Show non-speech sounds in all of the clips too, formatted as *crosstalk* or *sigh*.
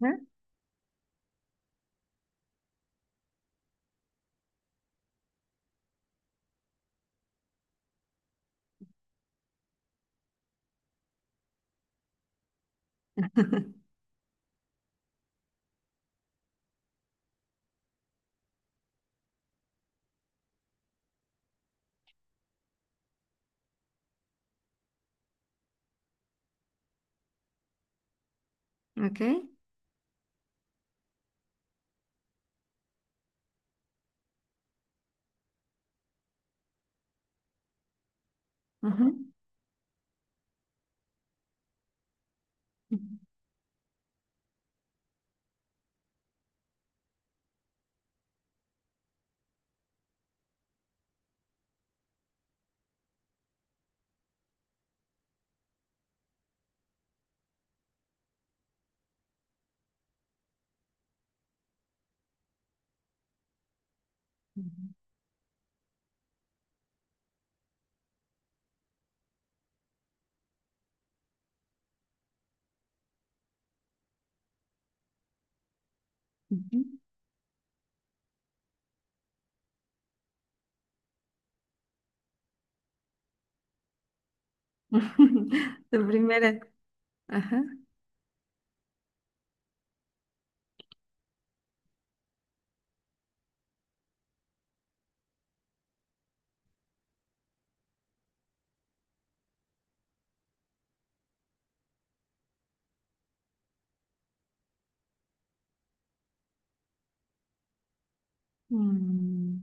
Ajá. *laughs* Ok. Ajá. Ujú. *laughs* Tu primera. Ajá. Mm.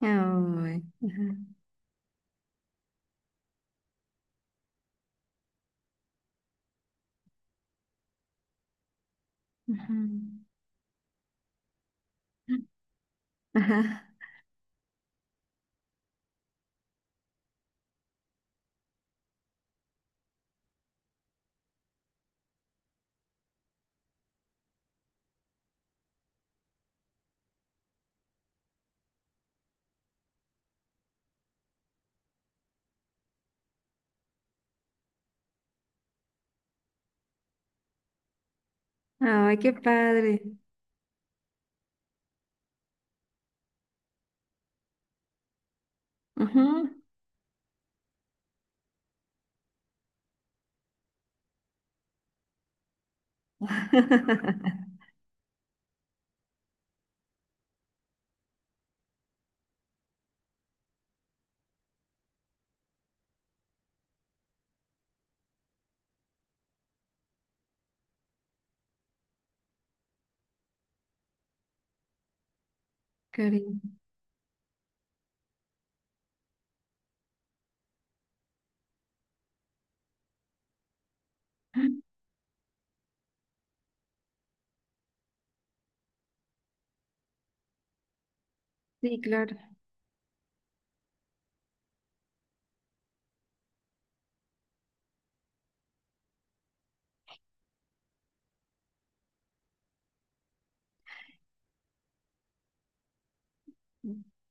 Ay. Ajá. Ajá. Ajá. Ay, qué padre. Ajá. *laughs* Cariño. Sí, claro.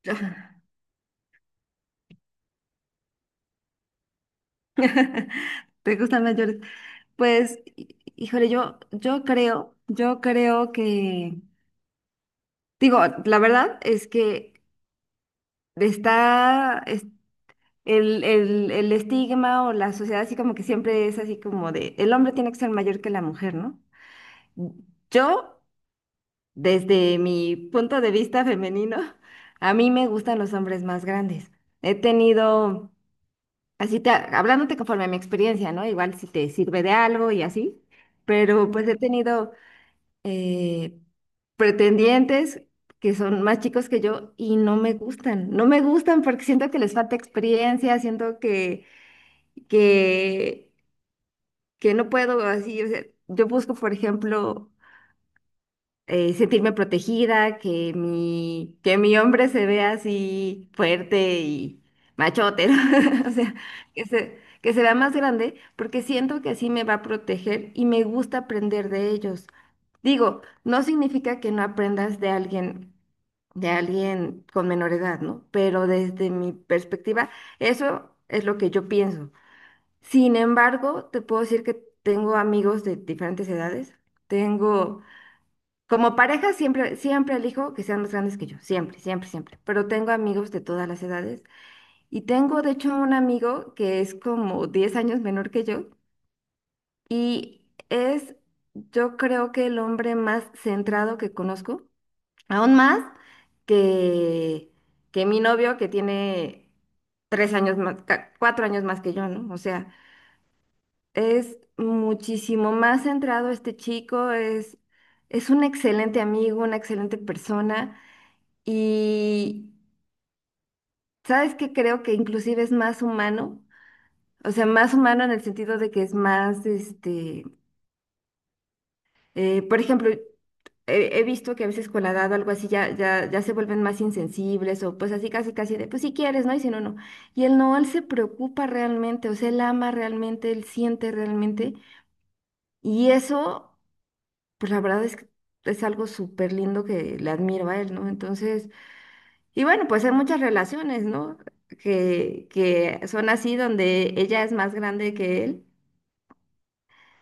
Ah, ¿te gustan las llores? Pues, híjole, yo creo que, digo, la verdad es que está, el estigma o la sociedad así como que siempre es así como de, el hombre tiene que ser mayor que la mujer, ¿no? Yo, desde mi punto de vista femenino, *laughs* a mí me gustan los hombres más grandes. He tenido, así te, hablándote conforme a mi experiencia, ¿no? Igual si te sirve de algo y así, pero pues he tenido eh, pretendientes que son más chicos que yo y no me gustan. No me gustan porque siento que les falta experiencia, siento que, que no puedo así, o sea, yo busco, por ejemplo, sentirme protegida, que mi hombre se vea así fuerte y machote, ¿no? *laughs* O sea, que se vea más grande, porque siento que así me va a proteger y me gusta aprender de ellos. Digo, no significa que no aprendas de alguien con menor edad, ¿no? Pero desde mi perspectiva, eso es lo que yo pienso. Sin embargo, te puedo decir que tengo amigos de diferentes edades. Tengo, como pareja, siempre, siempre elijo que sean más grandes que yo, siempre, siempre, siempre. Pero tengo amigos de todas las edades. Y tengo, de hecho, un amigo que es como 10 años menor que yo y es, yo creo que el hombre más centrado que conozco, aún más que, que mi novio que tiene 3 años más, 4 años más que yo, ¿no? O sea... Es muchísimo más centrado este chico, es un excelente amigo, una excelente persona y sabes que creo que inclusive es más humano, o sea, más humano en el sentido de que es más, este, por ejemplo, he visto que a veces con la edad o algo así ya se vuelven más insensibles o pues así casi casi de, pues si quieres, ¿no? Y si no, no. Y él no, él se preocupa realmente, o sea, él ama realmente, él siente realmente y eso... pues la verdad es que es algo súper lindo que le admiro a él, ¿no? Entonces, y bueno, pues hay muchas relaciones, ¿no? Que son así donde ella es más grande que él.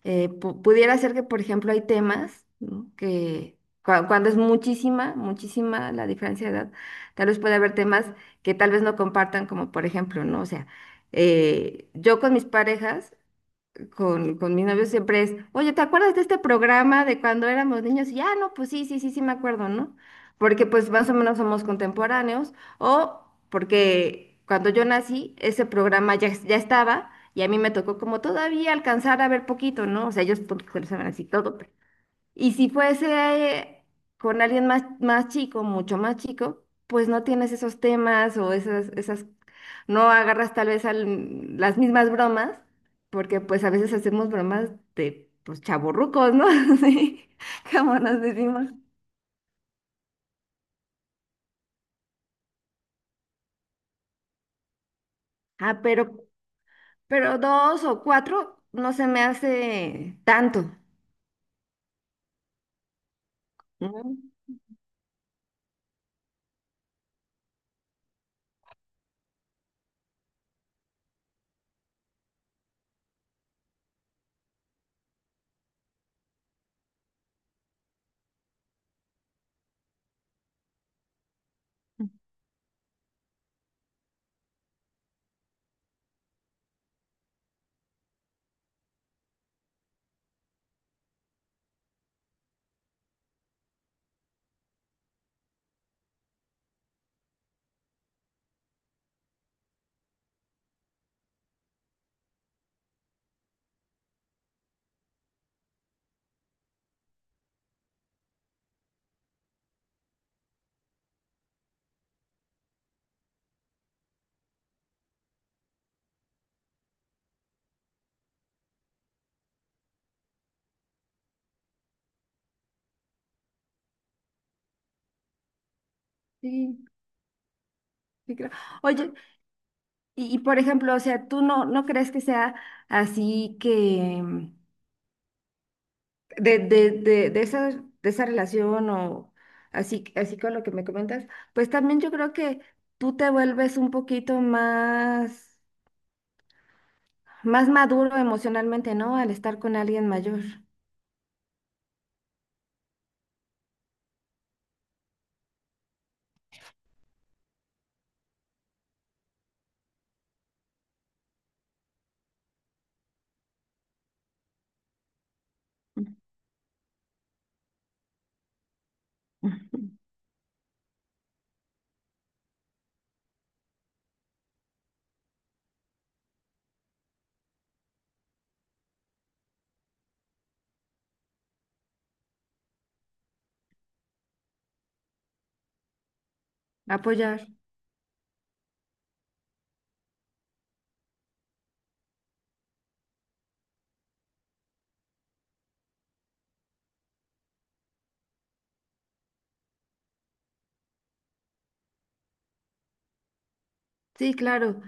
Pudiera ser que, por ejemplo, hay temas, ¿no? Que cuando es muchísima, muchísima la diferencia de edad, tal vez puede haber temas que tal vez no compartan, como por ejemplo, ¿no? O sea, yo con mis parejas con mi novio siempre es, oye, ¿te acuerdas de este programa de cuando éramos niños? Y ya, no, pues sí me acuerdo, ¿no? Porque pues más o menos somos contemporáneos, o porque cuando yo nací, ese programa ya, ya estaba, y a mí me tocó como todavía alcanzar a ver poquito, ¿no? O sea, ellos pues, lo saben así todo, y si fuese con alguien más, más chico, mucho más chico, pues no tienes esos temas o esas, no agarras tal vez las mismas bromas, porque pues a veces hacemos bromas de pues chavorrucos, ¿no? *laughs* Sí, como nos decimos. Ah, pero dos o cuatro no se me hace tanto. ¿No? Sí, sí creo. Oye, y por ejemplo, o sea, ¿tú no crees que sea así que de de esa relación o así, así con lo que me comentas, pues también yo creo que tú te vuelves un poquito más, más maduro emocionalmente, ¿no? Al estar con alguien mayor. Mm. Apoyar. Sí, claro.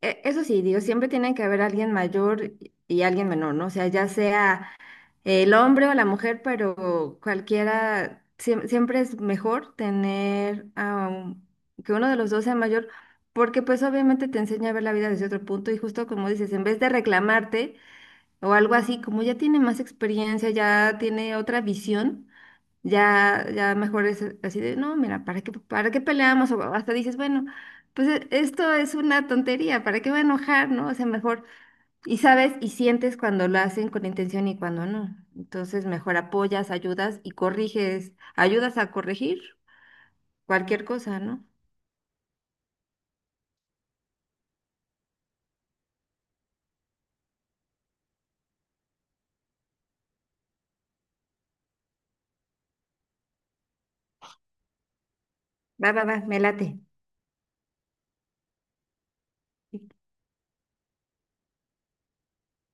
Eso sí, digo, siempre tiene que haber alguien mayor y alguien menor, ¿no? O sea, ya sea el hombre o la mujer, pero cualquiera, siempre es mejor tener a un- que uno de los dos sea mayor, porque pues obviamente te enseña a ver la vida desde otro punto y justo como dices, en vez de reclamarte o algo así, como ya tiene más experiencia, ya tiene otra visión, ya mejor es así de, no, mira, ¿para qué peleamos? O hasta dices, bueno, pues esto es una tontería, ¿para qué voy a enojar, no? O sea, mejor y sabes, y sientes cuando lo hacen con intención y cuando no. Entonces, mejor apoyas, ayudas y corriges, ayudas a corregir cualquier cosa, ¿no? Va, va, va, me late.